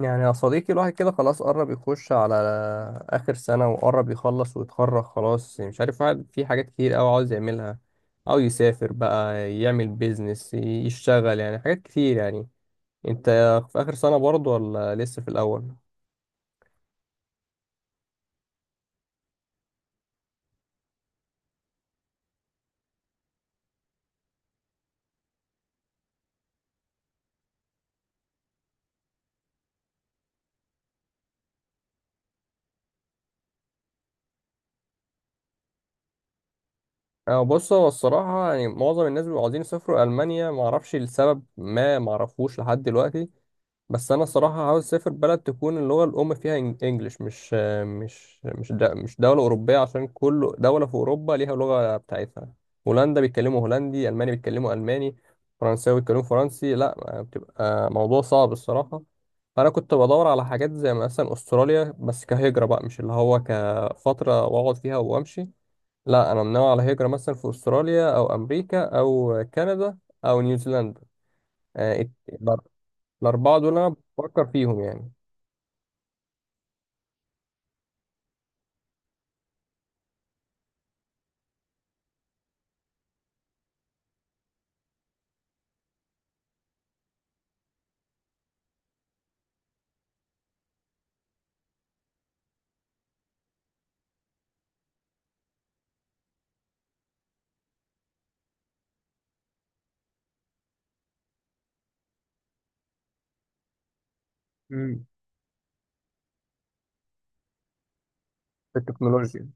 يعني يا صديقي الواحد كده خلاص قرب يخش على آخر سنة وقرب يخلص ويتخرج خلاص، يعني مش عارف، واحد في حاجات كتير أوي عاوز يعملها، أو يسافر بقى، يعمل بيزنس، يشتغل، يعني حاجات كتير. يعني أنت في آخر سنة برضه ولا لسه في الأول؟ أه، بص، هو الصراحة يعني معظم الناس بيبقوا عاوزين يسافروا ألمانيا، معرفش لسبب ما، معرفوش لحد دلوقتي. بس انا الصراحه عاوز اسافر بلد تكون اللغه الام فيها انجليش، مش دوله اوروبيه، عشان كل دوله في اوروبا ليها لغه بتاعتها. هولندا بيتكلموا هولندي، الماني بيتكلموا الماني، فرنساوي بيتكلموا فرنسي، لا بتبقى موضوع صعب الصراحه. فانا كنت بدور على حاجات زي مثلا استراليا، بس كهجره بقى، مش اللي هو كفتره واقعد فيها وامشي، لا انا منوع على هجره، مثلا في استراليا او امريكا او كندا او نيوزيلندا. الأربعة دول أنا بفكر فيهم يعني. مم. في التكنولوجيا.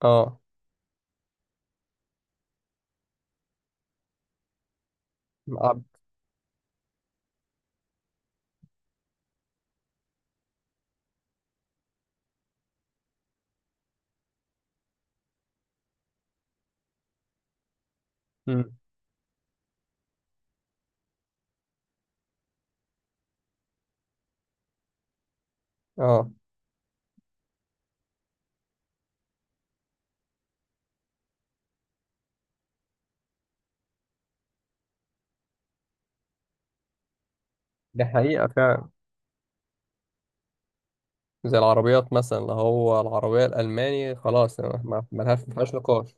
اه. عب- مم. اه، دي حقيقة فعلا. زي العربيات مثلا، اللي هو العربية الألماني خلاص، ملهاش، مفيهاش نقاش.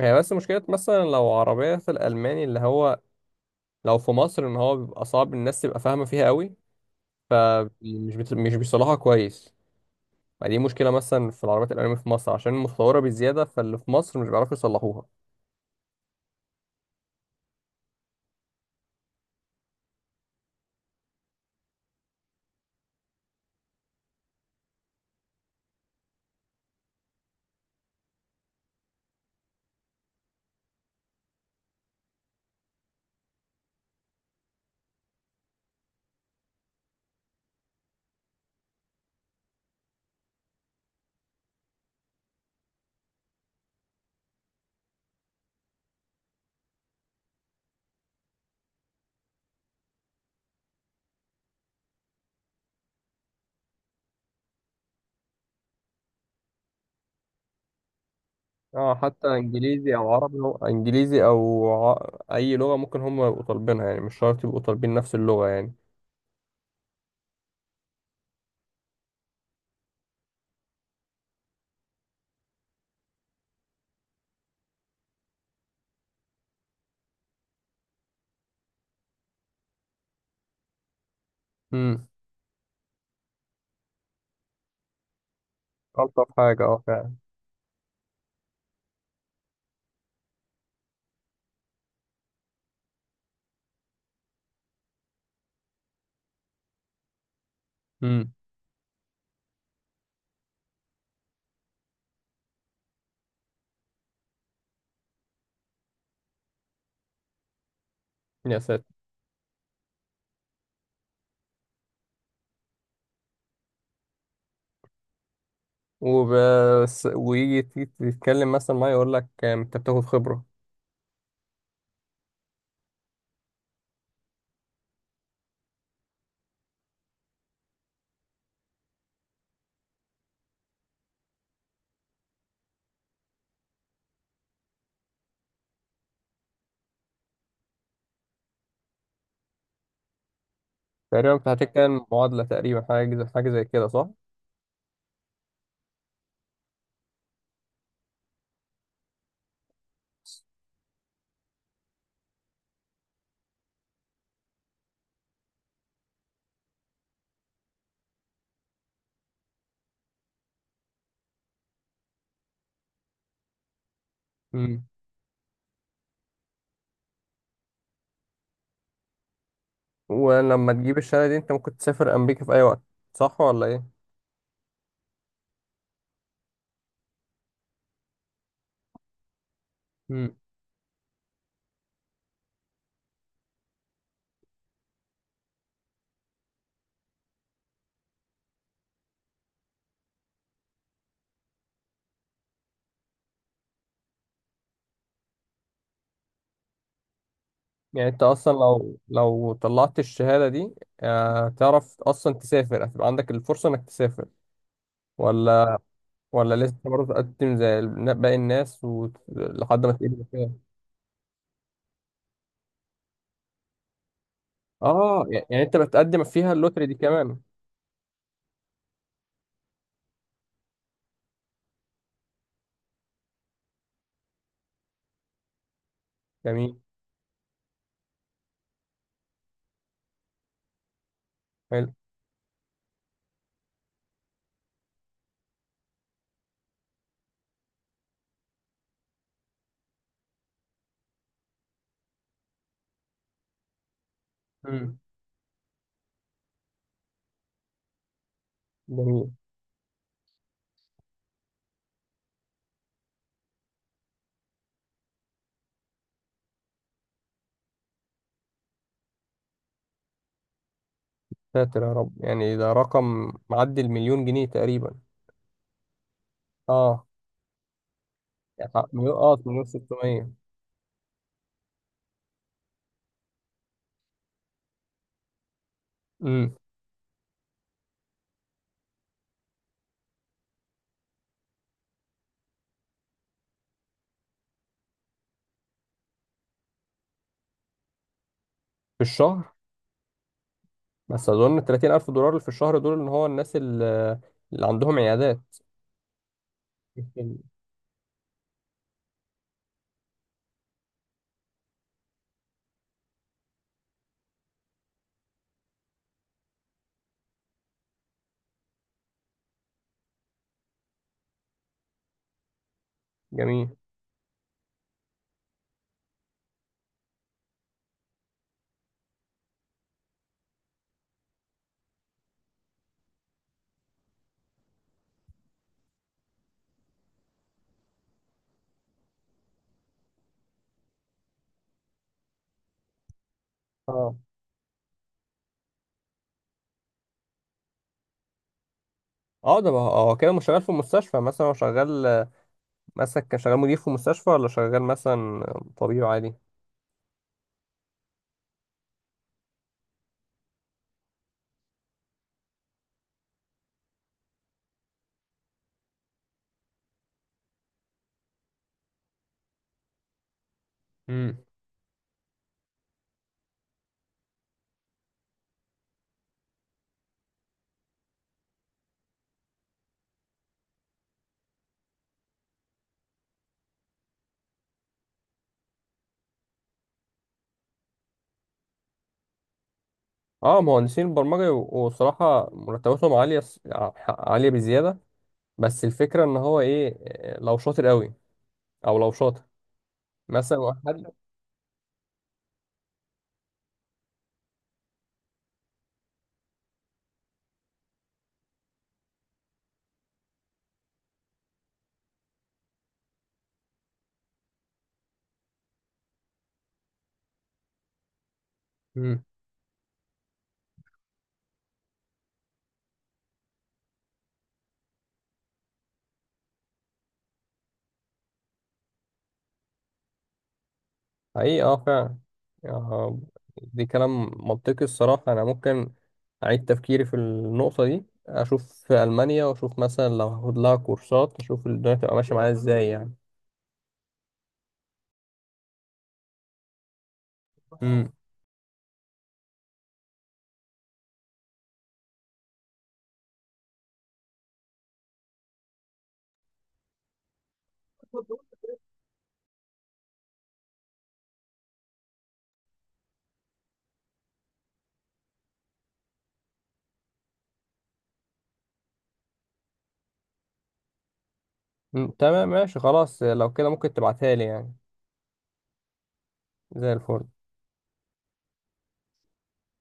هي بس مشكلة مثلا لو عربية في الألماني، اللي هو لو في مصر إن هو بيبقى صعب الناس تبقى فاهمة فيها قوي، فمش بت... مش بيصلحها كويس. ما دي مشكلة مثلا في العربيات الألمانية في مصر، عشان متطورة بزيادة، فاللي في مصر مش بيعرفوا يصلحوها. اه حتى انجليزي او عربي، هو انجليزي او ع... اي لغه ممكن هم يبقوا طالبينها، يعني مش شرط يبقوا طالبين نفس اللغه يعني. امم. الطف حاجه اه فعلا. امم. يا ساتر. وبس، ويجي تيجي تتكلم مثلا، ما يقول لك انت بتاخد خبره. تقريبا انت هتتكلم معادله تقريبا، حاجه زي حاجه زي كده، صح؟ امم. ولما تجيب الشهاده دي انت ممكن تسافر امريكا في اي وقت، صح ولا ايه؟ امم. يعني انت اصلا لو طلعت الشهاده دي، تعرف اصلا تسافر، هتبقى عندك الفرصه انك تسافر ولا ولا لسه برضه تقدم زي باقي الناس لحد ما تقدم فيها؟ اه يعني انت بتقدم فيها اللوتري دي كمان. جميل. حلو. امم. جميل. ساتر يا رب، يعني ده رقم معدي المليون جنيه تقريبا. اه يعني مليون، اه مليون 600. امم. في الشهر. بس اظن 30000 دولار في الشهر دول ان هو الناس اللي عندهم عيادات. جميل. اه. اه اه كده مش شغال في المستشفى، مثلا هو شغال مثلا، كان شغال مدير في مستشفى، ولا شغال مثلا طبيب عادي؟ امم. اه مهندسين البرمجة، وصراحة مرتباتهم عالية، عالية بزيادة. بس الفكرة ان هو ايه، لو شاطر قوي، او لو شاطر، مثلا واحد. امم. حقيقي اه فعلا. آه، دي كلام منطقي الصراحة. أنا ممكن أعيد تفكيري في النقطة دي، أشوف في ألمانيا، وأشوف مثلا لو هاخد لها كورسات، أشوف الدنيا تبقى ماشية معايا إزاي يعني. امم. تمام، ماشي خلاص، لو كده ممكن تبعتها لي يعني. زي الفل.